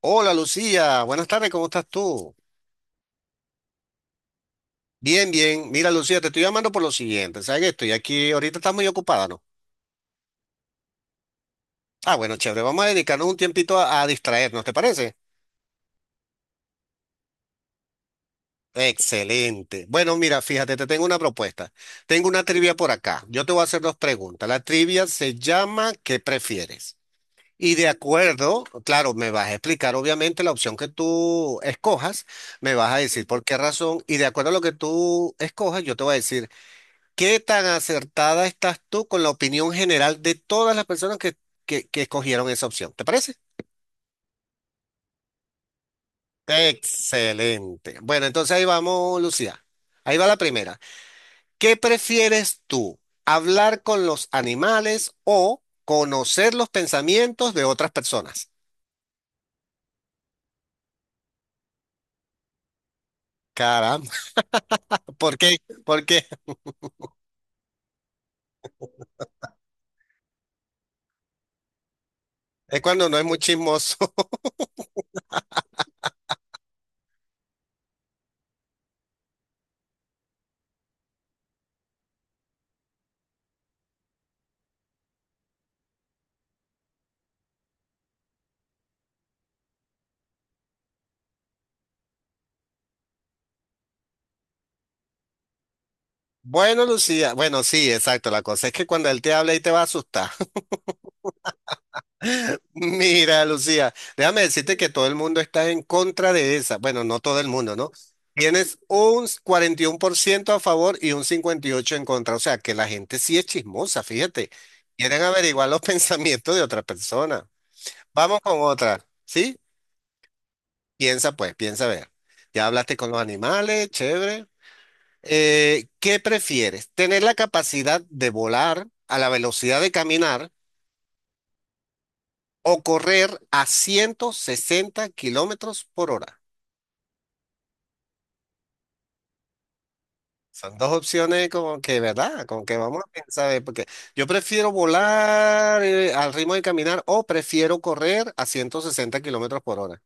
Hola Lucía, buenas tardes, ¿cómo estás tú? Bien, bien. Mira Lucía, te estoy llamando por lo siguiente. ¿Sabes que estoy aquí? Ahorita estás muy ocupada, ¿no? Ah, bueno, chévere. Vamos a dedicarnos un tiempito a distraernos, ¿te parece? Excelente. Bueno, mira, fíjate, te tengo una propuesta. Tengo una trivia por acá. Yo te voy a hacer dos preguntas. La trivia se llama ¿Qué prefieres? Y de acuerdo, claro, me vas a explicar obviamente la opción que tú escojas, me vas a decir por qué razón y de acuerdo a lo que tú escojas, yo te voy a decir ¿qué tan acertada estás tú con la opinión general de todas las personas que escogieron esa opción? ¿Te parece? Excelente. Bueno, entonces ahí vamos, Lucía. Ahí va la primera. ¿Qué prefieres tú? ¿Hablar con los animales o conocer los pensamientos de otras personas? Caramba, ¿por qué? Porque es cuando no es muy chismoso. Bueno, Lucía, bueno, sí, exacto. La cosa es que cuando él te habla y te va a asustar. Mira, Lucía, déjame decirte que todo el mundo está en contra de esa. Bueno, no todo el mundo, ¿no? Tienes un 41% a favor y un 58% en contra. O sea, que la gente sí es chismosa, fíjate. Quieren averiguar los pensamientos de otra persona. Vamos con otra, ¿sí? Piensa pues, piensa a ver. Ya hablaste con los animales, chévere. ¿qué prefieres? ¿Tener la capacidad de volar a la velocidad de caminar o correr a 160 kilómetros por hora? Son dos opciones como que, ¿verdad? Como que vamos a pensar, porque yo prefiero volar al ritmo de caminar o prefiero correr a 160 kilómetros por hora.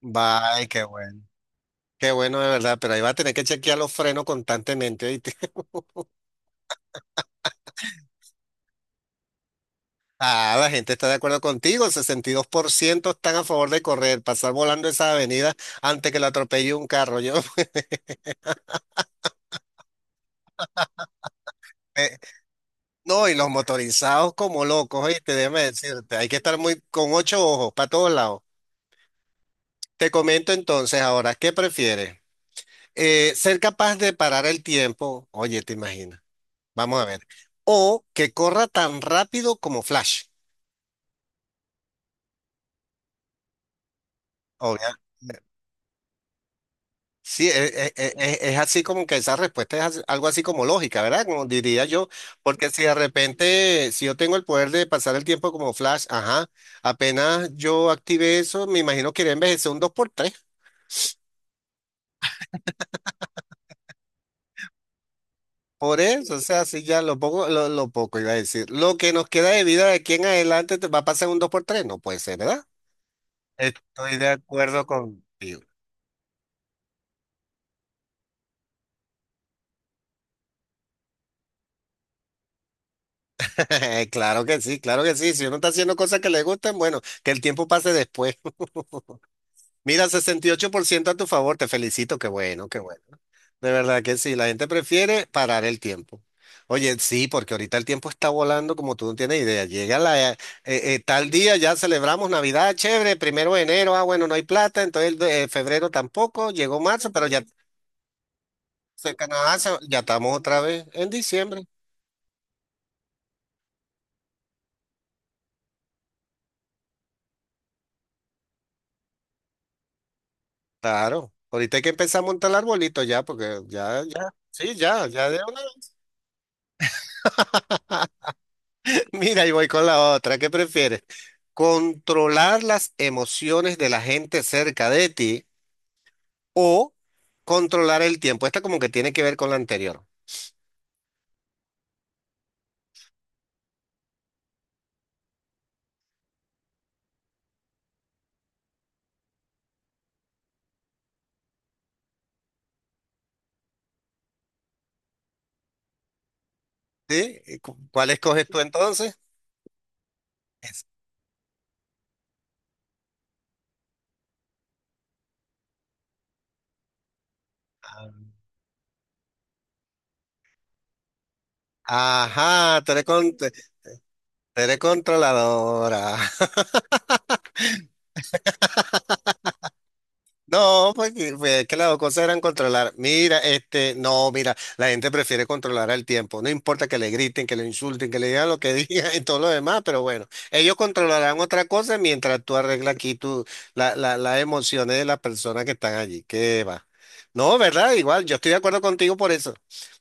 Bye, qué bueno. Qué bueno de verdad, pero ahí va a tener que chequear los frenos constantemente, ¿oíste? Ah, la gente está de acuerdo contigo, el 62% están a favor de correr, pasar volando esa avenida antes que lo atropelle un carro. Yo, eh, no, y los motorizados como locos, oíste, déjame decirte, hay que estar muy con ocho ojos para todos lados. Te comento entonces ahora, ¿qué prefieres? ¿Ser capaz de parar el tiempo, oye, te imaginas, vamos a ver, o que corra tan rápido como Flash, obviamente? Sí, es, así como que esa respuesta es así- algo así como lógica, ¿verdad? Como diría yo, porque si de repente, si yo tengo el poder de pasar el tiempo como Flash, ajá, apenas yo active eso, me imagino que iré a envejecer un dos por tres. Por eso, o sea, si ya lo poco iba a decir. Lo que nos queda de vida de aquí en adelante te va a pasar un 2 por 3, no puede ser, ¿verdad? Estoy de acuerdo contigo. Claro que sí, claro que sí. Si uno está haciendo cosas que le gustan, bueno, que el tiempo pase después. Mira, 68% a tu favor, te felicito, qué bueno, qué bueno. De verdad que sí, la gente prefiere parar el tiempo. Oye, sí, porque ahorita el tiempo está volando como tú no tienes idea. Llega la, tal día, ya celebramos Navidad, chévere, primero de enero, ah, bueno, no hay plata, entonces el de- febrero tampoco, llegó marzo, pero ya se Canadá, se- ya estamos otra vez en diciembre. Claro, ahorita hay que empezar a montar el arbolito ya, porque ya de una vez. Mira, y voy con la otra, ¿qué prefieres? ¿Controlar las emociones de la gente cerca de ti o controlar el tiempo? Esta como que tiene que ver con la anterior. ¿Sí? ¿Y cu- cuál escoges tú entonces? Es- ah, ajá, tú eres, con- tú eres controladora. No, pues, que las dos cosas eran controlar. Mira, este, no, mira, la gente prefiere controlar al tiempo. No importa que le griten, que le insulten, que le digan lo que digan y todo lo demás, pero bueno, ellos controlarán otra cosa mientras tú arreglas aquí tu, las emociones de las personas que están allí. ¿Qué va? No, ¿verdad? Igual, yo estoy de acuerdo contigo por eso.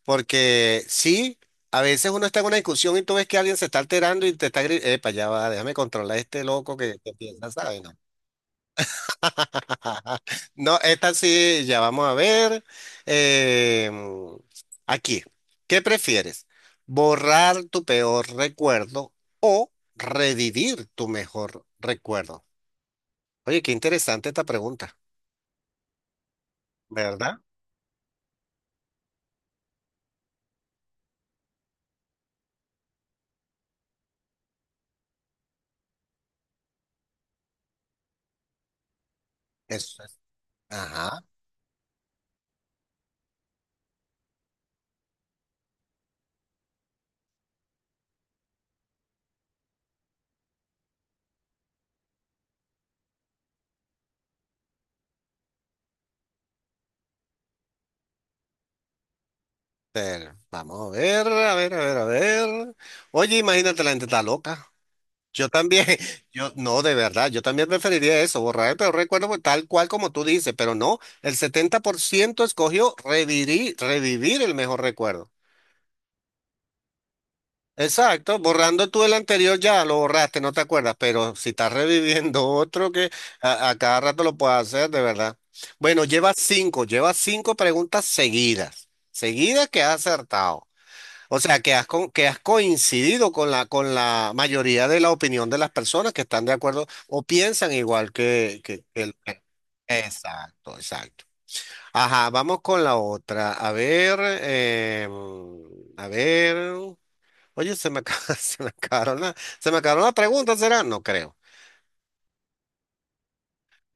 Porque sí, a veces uno está en una discusión y tú ves que alguien se está alterando y te está gritando, epa, ya va, déjame controlar a este loco que piensa, ¿sabes? No, esta sí, ya vamos a ver. Eh, aquí, ¿Qué prefieres? ¿Borrar tu peor recuerdo o revivir tu mejor recuerdo? Oye, qué interesante esta pregunta, ¿verdad? Eso es. Ajá. Pero vamos a ver, a ver. Oye, imagínate, la gente está loca. Yo también, yo no, de verdad, yo también preferiría eso, borrar el peor recuerdo pues, tal cual como tú dices, pero no, el 70% escogió revivir, revivir el mejor recuerdo. Exacto, borrando tú el anterior ya lo borraste, no te acuerdas, pero si estás reviviendo otro que a cada rato lo puedes hacer, de verdad. Bueno, lleva cinco preguntas seguidas, seguidas que has acertado. O sea, que has, co- que has coincidido con la mayoría de la opinión de las personas que están de acuerdo o piensan igual que el- exacto, exacto. Ajá, vamos con la otra. A ver, a ver. Oye, se me, acaba- se me acabaron la, se me acabaron las preguntas, ¿será? No creo.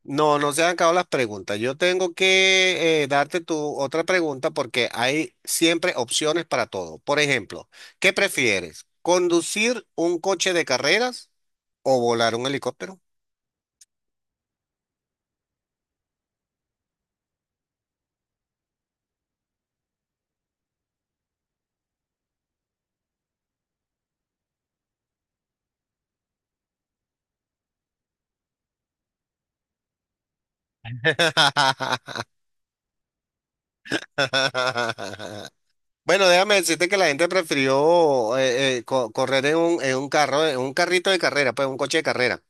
No, no se han acabado las preguntas. Yo tengo que darte tu otra pregunta porque hay siempre opciones para todo. Por ejemplo, ¿qué prefieres? ¿Conducir un coche de carreras o volar un helicóptero? Bueno, déjame decirte que la gente prefirió co- correr en un carro, en un carrito de carrera, pues un coche de carrera.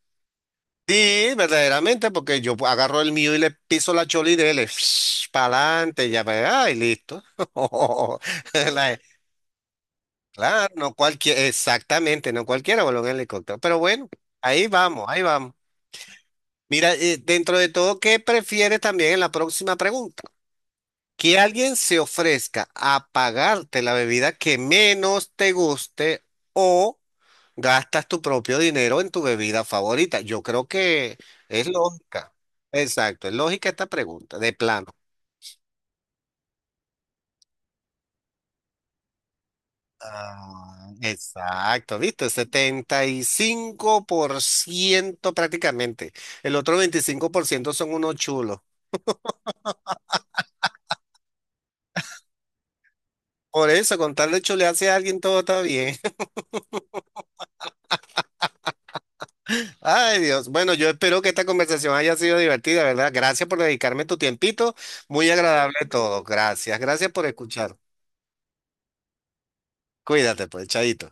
Sí, verdaderamente, porque yo agarro el mío y le piso la chola y dele, para adelante, ya para y listo. La- claro, no cualquiera, exactamente, no cualquiera voló en helicóptero, pero bueno, ahí vamos, ahí vamos. Mira, dentro de todo, ¿qué prefieres también en la próxima pregunta? ¿Que alguien se ofrezca a pagarte la bebida que menos te guste o gastas tu propio dinero en tu bebida favorita? Yo creo que es lógica. Exacto, es lógica esta pregunta, de plano. Ah, exacto, ¿viste? 75% prácticamente. El otro 25% son unos chulos. Por eso, con tal de chulearse a alguien, todo está bien. Ay, Dios. Bueno, yo espero que esta conversación haya sido divertida, ¿verdad? Gracias por dedicarme tu tiempito. Muy agradable todo. Gracias, gracias por escuchar. Cuídate, pues, chaito.